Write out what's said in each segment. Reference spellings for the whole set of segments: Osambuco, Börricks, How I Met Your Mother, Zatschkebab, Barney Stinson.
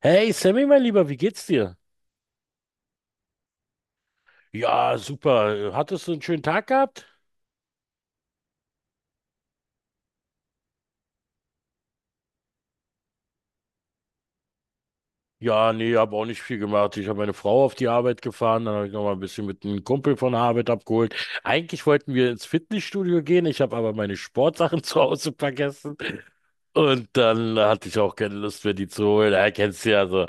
Hey Sammy, mein Lieber, wie geht's dir? Ja, super. Hattest du einen schönen Tag gehabt? Ja, nee, habe auch nicht viel gemacht. Ich habe meine Frau auf die Arbeit gefahren, dann habe ich noch mal ein bisschen mit einem Kumpel von der Arbeit abgeholt. Eigentlich wollten wir ins Fitnessstudio gehen, ich habe aber meine Sportsachen zu Hause vergessen und dann hatte ich auch keine Lust mehr, die zu holen. Ja, kennst du ja so.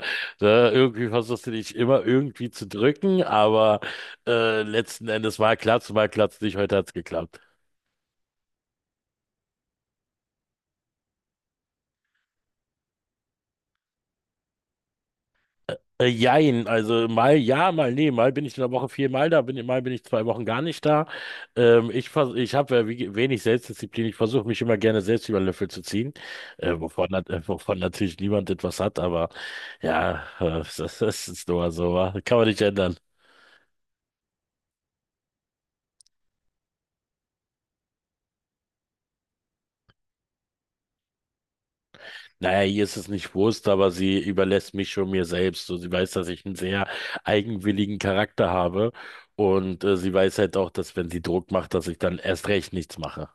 Ne? Irgendwie versuchst du dich immer irgendwie zu drücken, aber letzten Endes mal klappt's nicht. Heute hat's geklappt. Jein, also mal ja, mal nee, mal bin ich in der Woche viermal da, mal bin ich zwei Wochen gar nicht da. Ich habe wenig Selbstdisziplin, ich versuche mich immer gerne selbst über den Löffel zu ziehen, wovon natürlich niemand etwas hat, aber ja, das ist nur so, wa? Kann man nicht ändern. Naja, ihr ist es nicht bewusst, aber sie überlässt mich schon mir selbst. So, sie weiß, dass ich einen sehr eigenwilligen Charakter habe und sie weiß halt auch, dass wenn sie Druck macht, dass ich dann erst recht nichts mache.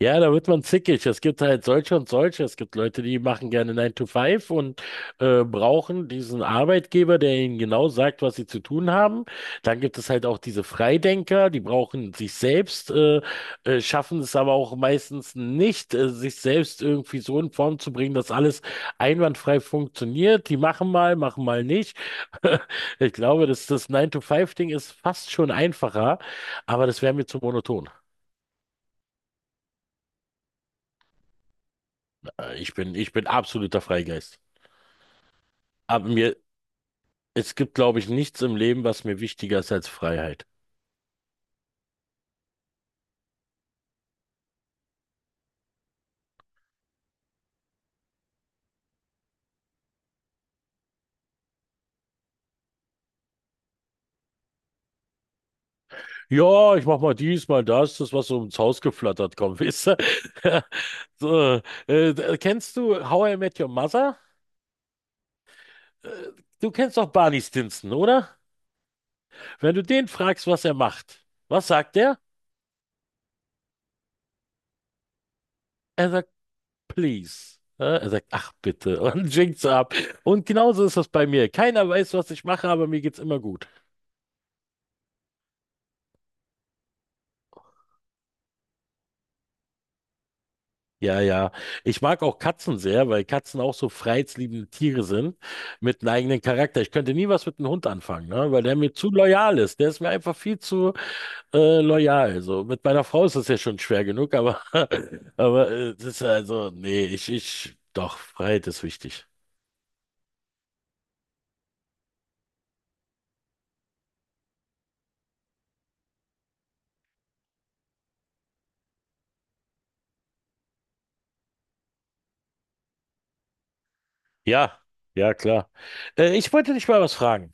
Ja, da wird man zickig. Es gibt halt solche und solche. Es gibt Leute, die machen gerne Nine to Five und brauchen diesen Arbeitgeber, der ihnen genau sagt, was sie zu tun haben. Dann gibt es halt auch diese Freidenker, die brauchen sich selbst, schaffen es aber auch meistens nicht, sich selbst irgendwie so in Form zu bringen, dass alles einwandfrei funktioniert. Die machen mal nicht. Ich glaube, dass das Nine to Five Ding ist fast schon einfacher, aber das wäre mir zu monoton. Ich bin absoluter Freigeist. Aber mir, es gibt, glaube ich, nichts im Leben, was mir wichtiger ist als Freiheit. Ja, ich mach mal dies, mal das, das, was so ins Haus geflattert kommt, weißt du? So, kennst du How I Met Your Mother? Äh, Du kennst doch Barney Stinson, oder? Wenn du den fragst, was er macht, was sagt er? Er sagt, please. Er sagt, ach bitte, und winkt so ab. Und genauso ist das bei mir. Keiner weiß, was ich mache, aber mir geht's immer gut. Ja, ja. Ich mag auch Katzen sehr, weil Katzen auch so freiheitsliebende Tiere sind mit einem eigenen Charakter. Ich könnte nie was mit einem Hund anfangen, ne? Weil der mir zu loyal ist. Der ist mir einfach viel zu loyal. So mit meiner Frau ist das ja schon schwer genug, aber aber das ist, also nee, ich ich doch, Freiheit ist wichtig. Ja, ja, klar. Ich wollte dich mal was fragen.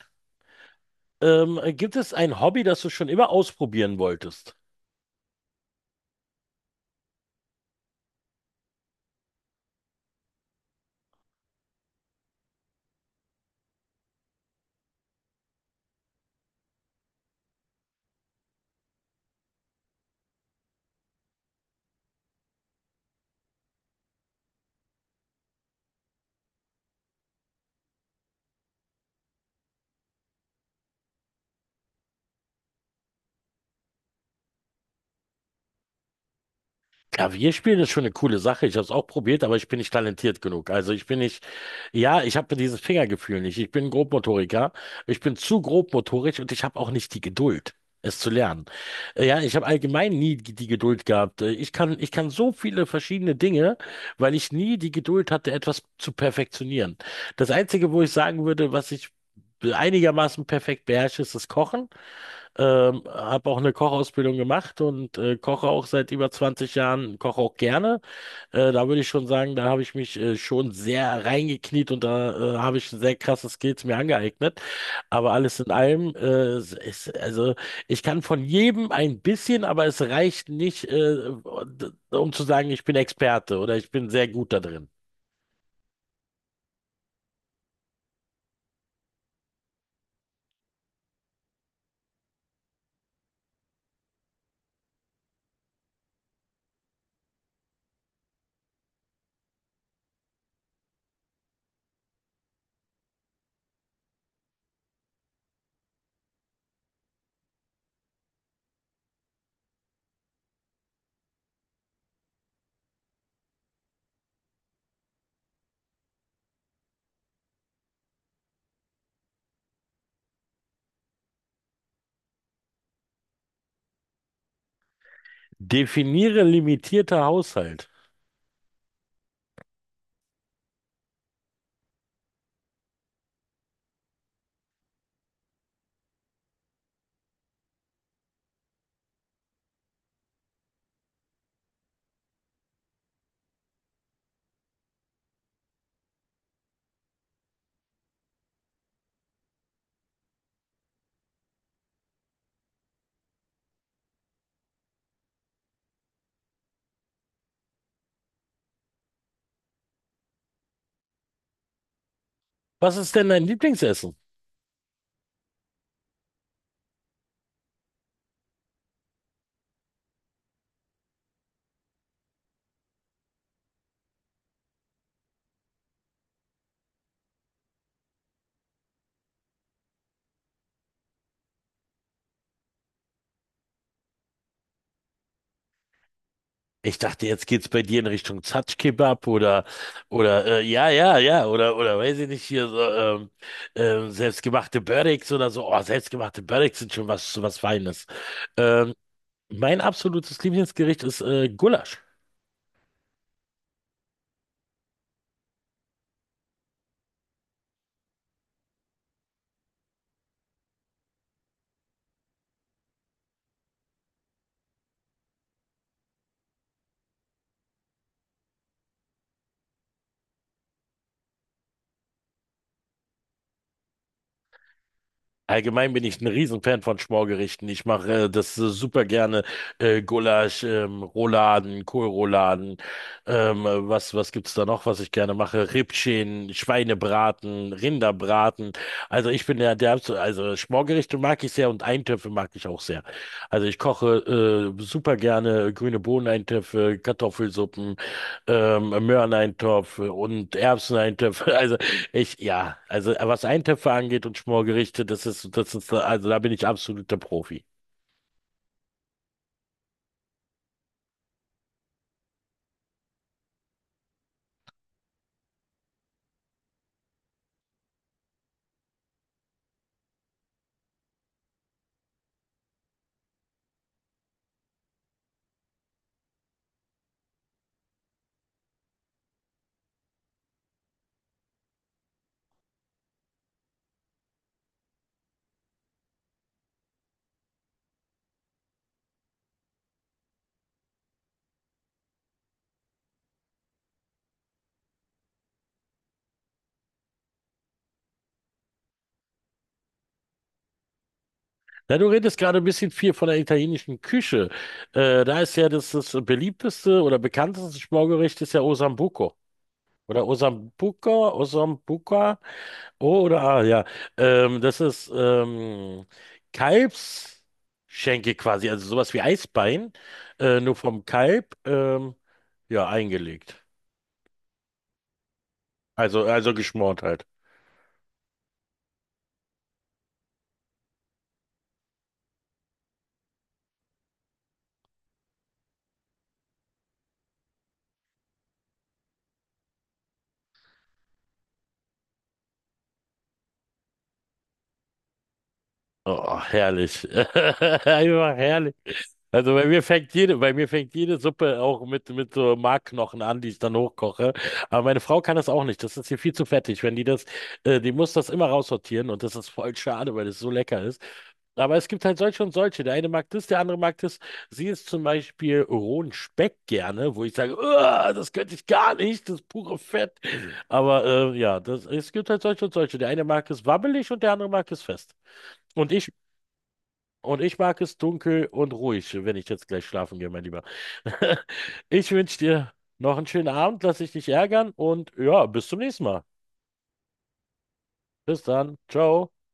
Gibt es ein Hobby, das du schon immer ausprobieren wolltest? Klavierspielen ist schon eine coole Sache. Ich habe es auch probiert, aber ich bin nicht talentiert genug. Also ich bin nicht, ja, ich habe dieses Fingergefühl nicht. Ich bin Grobmotoriker. Ich bin zu grobmotorisch und ich habe auch nicht die Geduld, es zu lernen. Ja, ich habe allgemein nie die Geduld gehabt. Ich kann so viele verschiedene Dinge, weil ich nie die Geduld hatte, etwas zu perfektionieren. Das Einzige, wo ich sagen würde, was ich einigermaßen perfekt beherrsche, ist das Kochen. Habe auch eine Kochausbildung gemacht und koche auch seit über 20 Jahren, koche auch gerne. Da würde ich schon sagen, da habe ich mich schon sehr reingekniet und da habe ich sehr krasse Skills mir angeeignet. Aber alles in allem, also ich kann von jedem ein bisschen, aber es reicht nicht, um zu sagen, ich bin Experte oder ich bin sehr gut da drin. Definiere limitierter Haushalt. Was ist denn dein Lieblingsessen? Ich dachte, jetzt geht's bei dir in Richtung Zatschkebab oder ja, ja, ja, oder weiß ich nicht, hier so selbstgemachte Börricks oder so. Oh, selbstgemachte Börricks sind schon was Feines. Ähm, Mein absolutes Lieblingsgericht ist Gulasch. Allgemein bin ich ein Riesenfan von Schmorgerichten. Ich mache das super gerne. Gulasch, Rouladen, Kohlrouladen. Was gibt's da noch, was ich gerne mache? Rippchen, Schweinebraten, Rinderbraten. Also ich bin ja der, also Schmorgerichte mag ich sehr und Eintöpfe mag ich auch sehr. Also ich koche super gerne grüne Bohneneintöpfe, Kartoffelsuppen, Möhreneintopf und Erbseneintöpfe. Also ich, ja, also was Eintöpfe angeht und Schmorgerichte, das ist, also da bin ich absoluter Profi. Na, du redest gerade ein bisschen viel von der italienischen Küche. Da ist ja das, das beliebteste oder bekannteste Schmorgericht ist ja Osambuco. Oder Osambuco, Osambuca. O oder A, ja. Das ist Kalbsschenkel quasi, also sowas wie Eisbein, nur vom Kalb, ja, eingelegt. Also geschmort halt. Oh, herrlich. Einfach herrlich. Bei mir fängt jede Suppe auch mit so Markknochen an, die ich dann hochkoche. Aber meine Frau kann das auch nicht. Das ist hier viel zu fettig. Wenn die das, die muss das immer raussortieren und das ist voll schade, weil es so lecker ist. Aber es gibt halt solche und solche. Der eine mag das, der andere mag das. Sie isst zum Beispiel rohen Speck gerne, wo ich sage, "Uah, das könnte ich gar nicht, das pure Fett. Aber ja, es gibt halt solche und solche. Der eine mag es wabbelig und der andere mag es fest. Und ich und ich mag es dunkel und ruhig, wenn ich jetzt gleich schlafen gehe, mein Lieber. Ich wünsche dir noch einen schönen Abend, lass dich nicht ärgern und ja, bis zum nächsten Mal. Bis dann. Ciao.